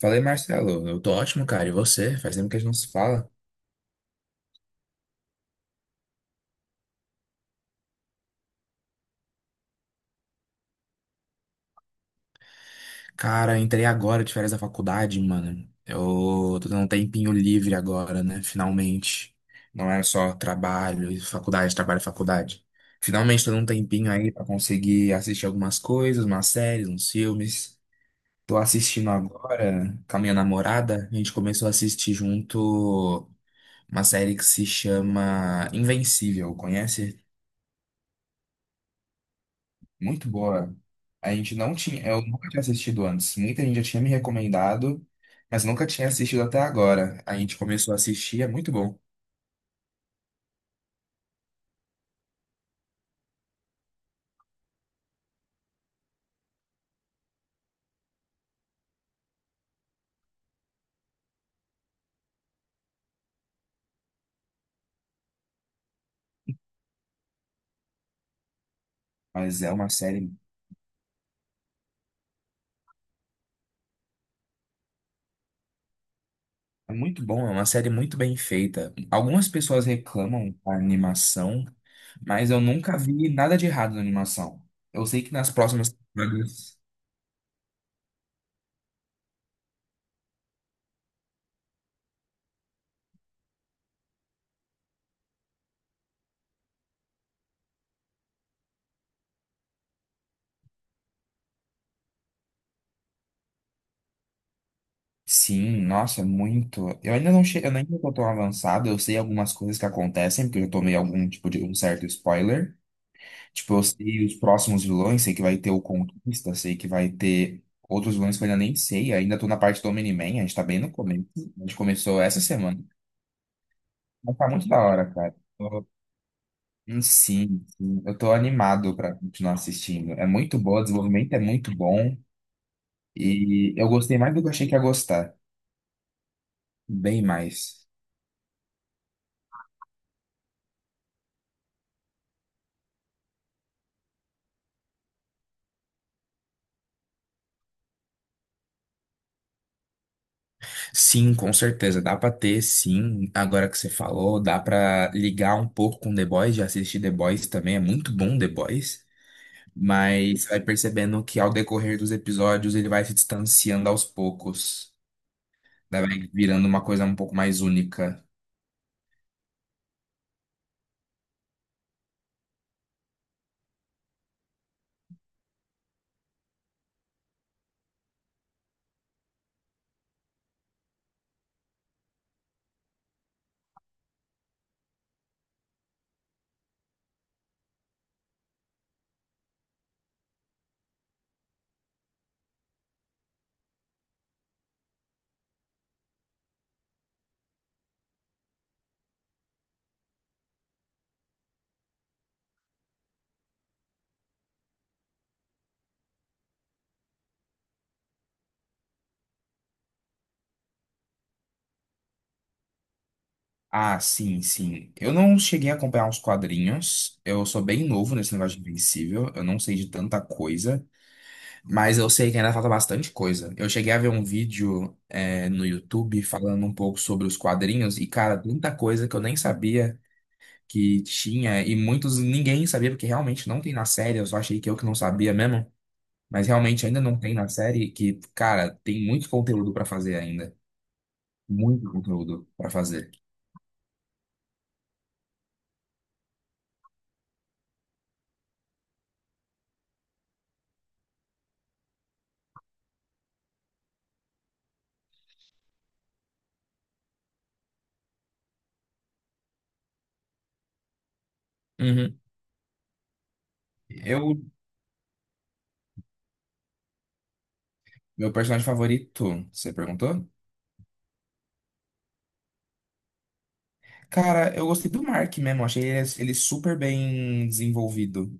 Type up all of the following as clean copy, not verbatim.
Falei, Marcelo, eu tô ótimo, cara. E você? Faz tempo que a gente não se fala. Cara, eu entrei agora de férias da faculdade, mano. Eu tô tendo um tempinho livre agora, né? Finalmente. Não era só trabalho, e faculdade, trabalho, e faculdade. Finalmente tô dando um tempinho aí pra conseguir assistir algumas coisas, umas séries, uns filmes. Tô assistindo agora com a minha namorada. A gente começou a assistir junto uma série que se chama Invencível, conhece? Muito boa. A gente não tinha, eu nunca tinha assistido antes. Muita gente já tinha me recomendado, mas nunca tinha assistido até agora. A gente começou a assistir, é muito bom. Mas é uma série é muito bom, é uma série muito bem feita. Algumas pessoas reclamam da animação, mas eu nunca vi nada de errado na animação. Eu sei que nas próximas temporadas. Sim, nossa, é muito. Eu ainda não cheguei, eu ainda não tô tão avançado, eu sei algumas coisas que acontecem, porque eu tomei algum tipo de um certo spoiler. Tipo, eu sei os próximos vilões, sei que vai ter o Conquista, sei que vai ter outros vilões que eu ainda nem sei. Ainda tô na parte do Omni-Man, a gente tá bem no começo. A gente começou essa semana. Mas tá muito da hora, cara. Eu- Sim, sim. Eu tô animado pra continuar assistindo. É muito boa, o desenvolvimento é muito bom. E eu gostei mais do que eu achei que ia gostar. Bem mais. Sim, com certeza. Dá pra ter, sim. Agora que você falou, dá pra ligar um pouco com The Boys, já assisti The Boys também. É muito bom The Boys. Mas você vai percebendo que ao decorrer dos episódios ele vai se distanciando aos poucos. Daí vai virando uma coisa um pouco mais única. Ah, sim, sim. Eu não cheguei a acompanhar os quadrinhos. Eu sou bem novo nesse negócio de Invencível. Eu não sei de tanta coisa. Mas eu sei que ainda falta bastante coisa. Eu cheguei a ver um vídeo, no YouTube falando um pouco sobre os quadrinhos. E, cara, tanta coisa que eu nem sabia que tinha. E muitos ninguém sabia, porque realmente não tem na série. Eu só achei que eu que não sabia mesmo. Mas realmente ainda não tem na série que, cara, tem muito conteúdo pra fazer ainda. Muito conteúdo pra fazer. Uhum. Eu, meu personagem favorito, você perguntou? Cara, eu gostei do Mark mesmo, achei ele, ele super bem desenvolvido.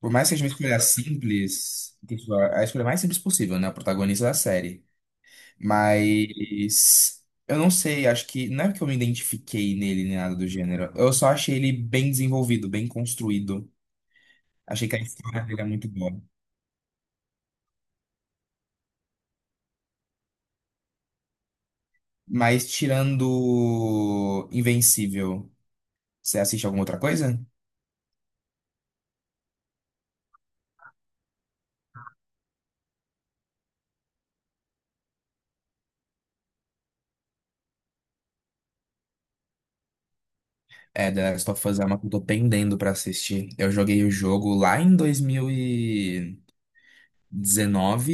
Por mais que seja uma escolha simples, tipo, a escolha mais simples possível, né? O protagonista da série. Mas eu não sei, acho que não é que eu me identifiquei nele nem nada do gênero. Eu só achei ele bem desenvolvido, bem construído. Achei que a história dele é muito boa. Mas tirando Invencível, você assiste alguma outra coisa? É, The Last of Us é uma que eu tô pendendo pra assistir. Eu joguei o jogo lá em 2019,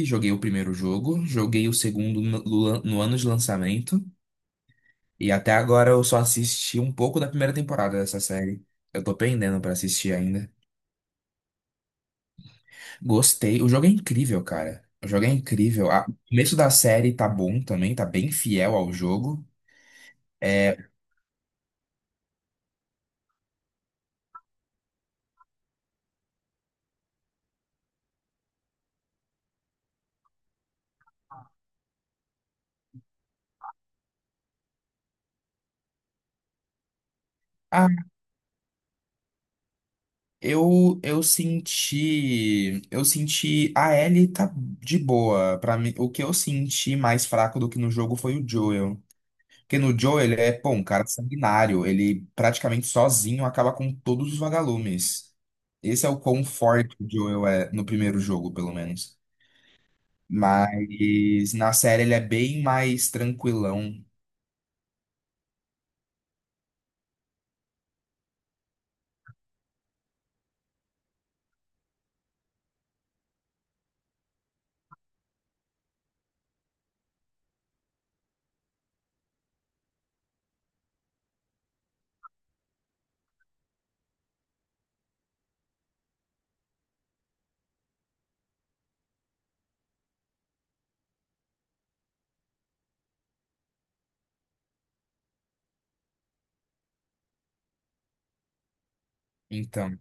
joguei o primeiro jogo, joguei o segundo no ano de lançamento, e até agora eu só assisti um pouco da primeira temporada dessa série. Eu tô pendendo pra assistir ainda. Gostei, o jogo é incrível, cara. O jogo é incrível. A- O começo da série tá bom também, tá bem fiel ao jogo. É, Eu senti, eu senti a Ellie tá de boa. Para mim, o que eu senti mais fraco do que no jogo foi o Joel. Porque no Joel ele é, pô, um cara sanguinário, ele praticamente sozinho acaba com todos os vagalumes. Esse é o quão forte o Joel é no primeiro jogo, pelo menos. Mas na série ele é bem mais tranquilão, então.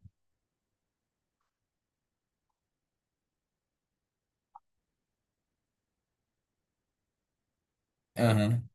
Aham.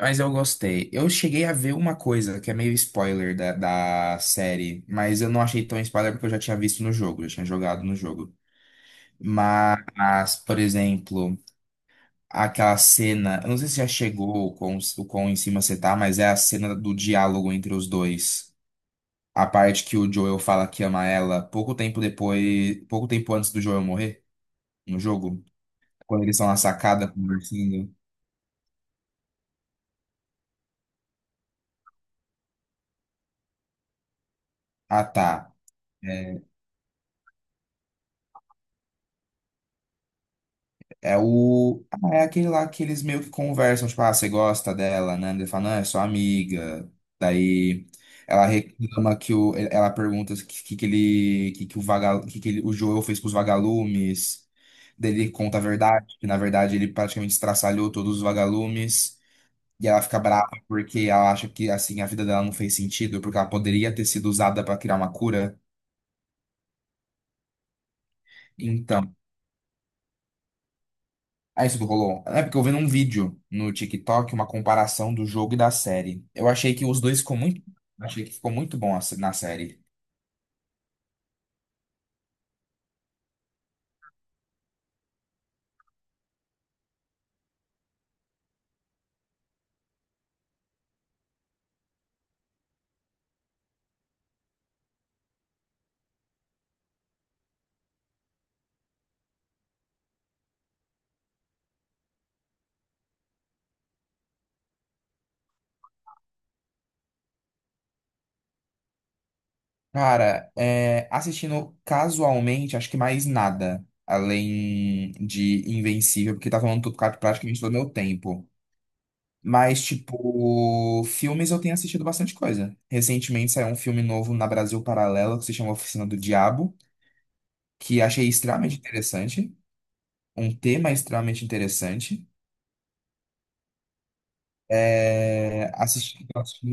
Mas eu gostei. Eu cheguei a ver uma coisa que é meio spoiler da, da série, mas eu não achei tão spoiler porque eu já tinha visto no jogo, eu já tinha jogado no jogo. Mas, por exemplo, aquela cena, eu não sei se já chegou o quão em cima você tá, mas é a cena do diálogo entre os dois. A parte que o Joel fala que ama ela pouco tempo depois, pouco tempo antes do Joel morrer no jogo, quando eles estão na sacada conversando. Ah, tá. É, É o. É aquele lá que eles meio que conversam, tipo, ah, você gosta dela, né? Ele fala, não, é sua amiga. Daí ela reclama que o. Ela pergunta o que, que ele. Que o vaga, que ele, o Joel fez com os vagalumes. Daí ele conta a verdade, que na verdade ele praticamente estraçalhou todos os vagalumes. E ela fica brava porque ela acha que assim a vida dela não fez sentido, porque ela poderia ter sido usada para criar uma cura. Então, ah, isso do Hollow. É porque eu vi num vídeo no TikTok uma comparação do jogo e da série. Eu achei que os dois ficou muito. Achei que ficou muito bom a se- na série. Cara, assistindo casualmente, acho que mais nada. Além de Invencível, porque tá falando tudo cara, praticamente todo o meu tempo. Mas, tipo, filmes eu tenho assistido bastante coisa. Recentemente saiu um filme novo na Brasil Paralelo que se chama Oficina do Diabo, que achei extremamente interessante. Um tema extremamente interessante. Assisti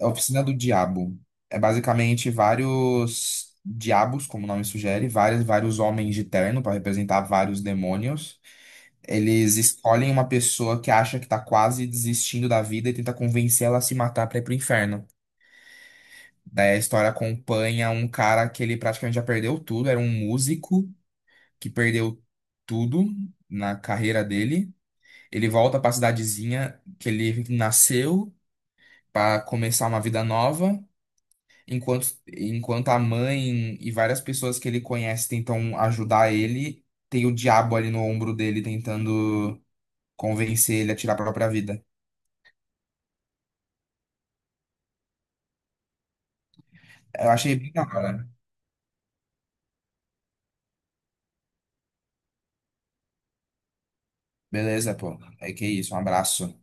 A Oficina do Diabo. É basicamente vários diabos, como o nome sugere, vários homens de terno para representar vários demônios. Eles escolhem uma pessoa que acha que tá quase desistindo da vida e tenta convencê-la a se matar para ir pro inferno. Daí a história acompanha um cara que ele praticamente já perdeu tudo, era um músico que perdeu tudo na carreira dele. Ele volta para a cidadezinha que ele nasceu para começar uma vida nova, enquanto a mãe e várias pessoas que ele conhece tentam ajudar ele, tem o diabo ali no ombro dele tentando convencer ele a tirar a própria vida. Eu achei bem da hora. Beleza, pô. É que é isso, um abraço.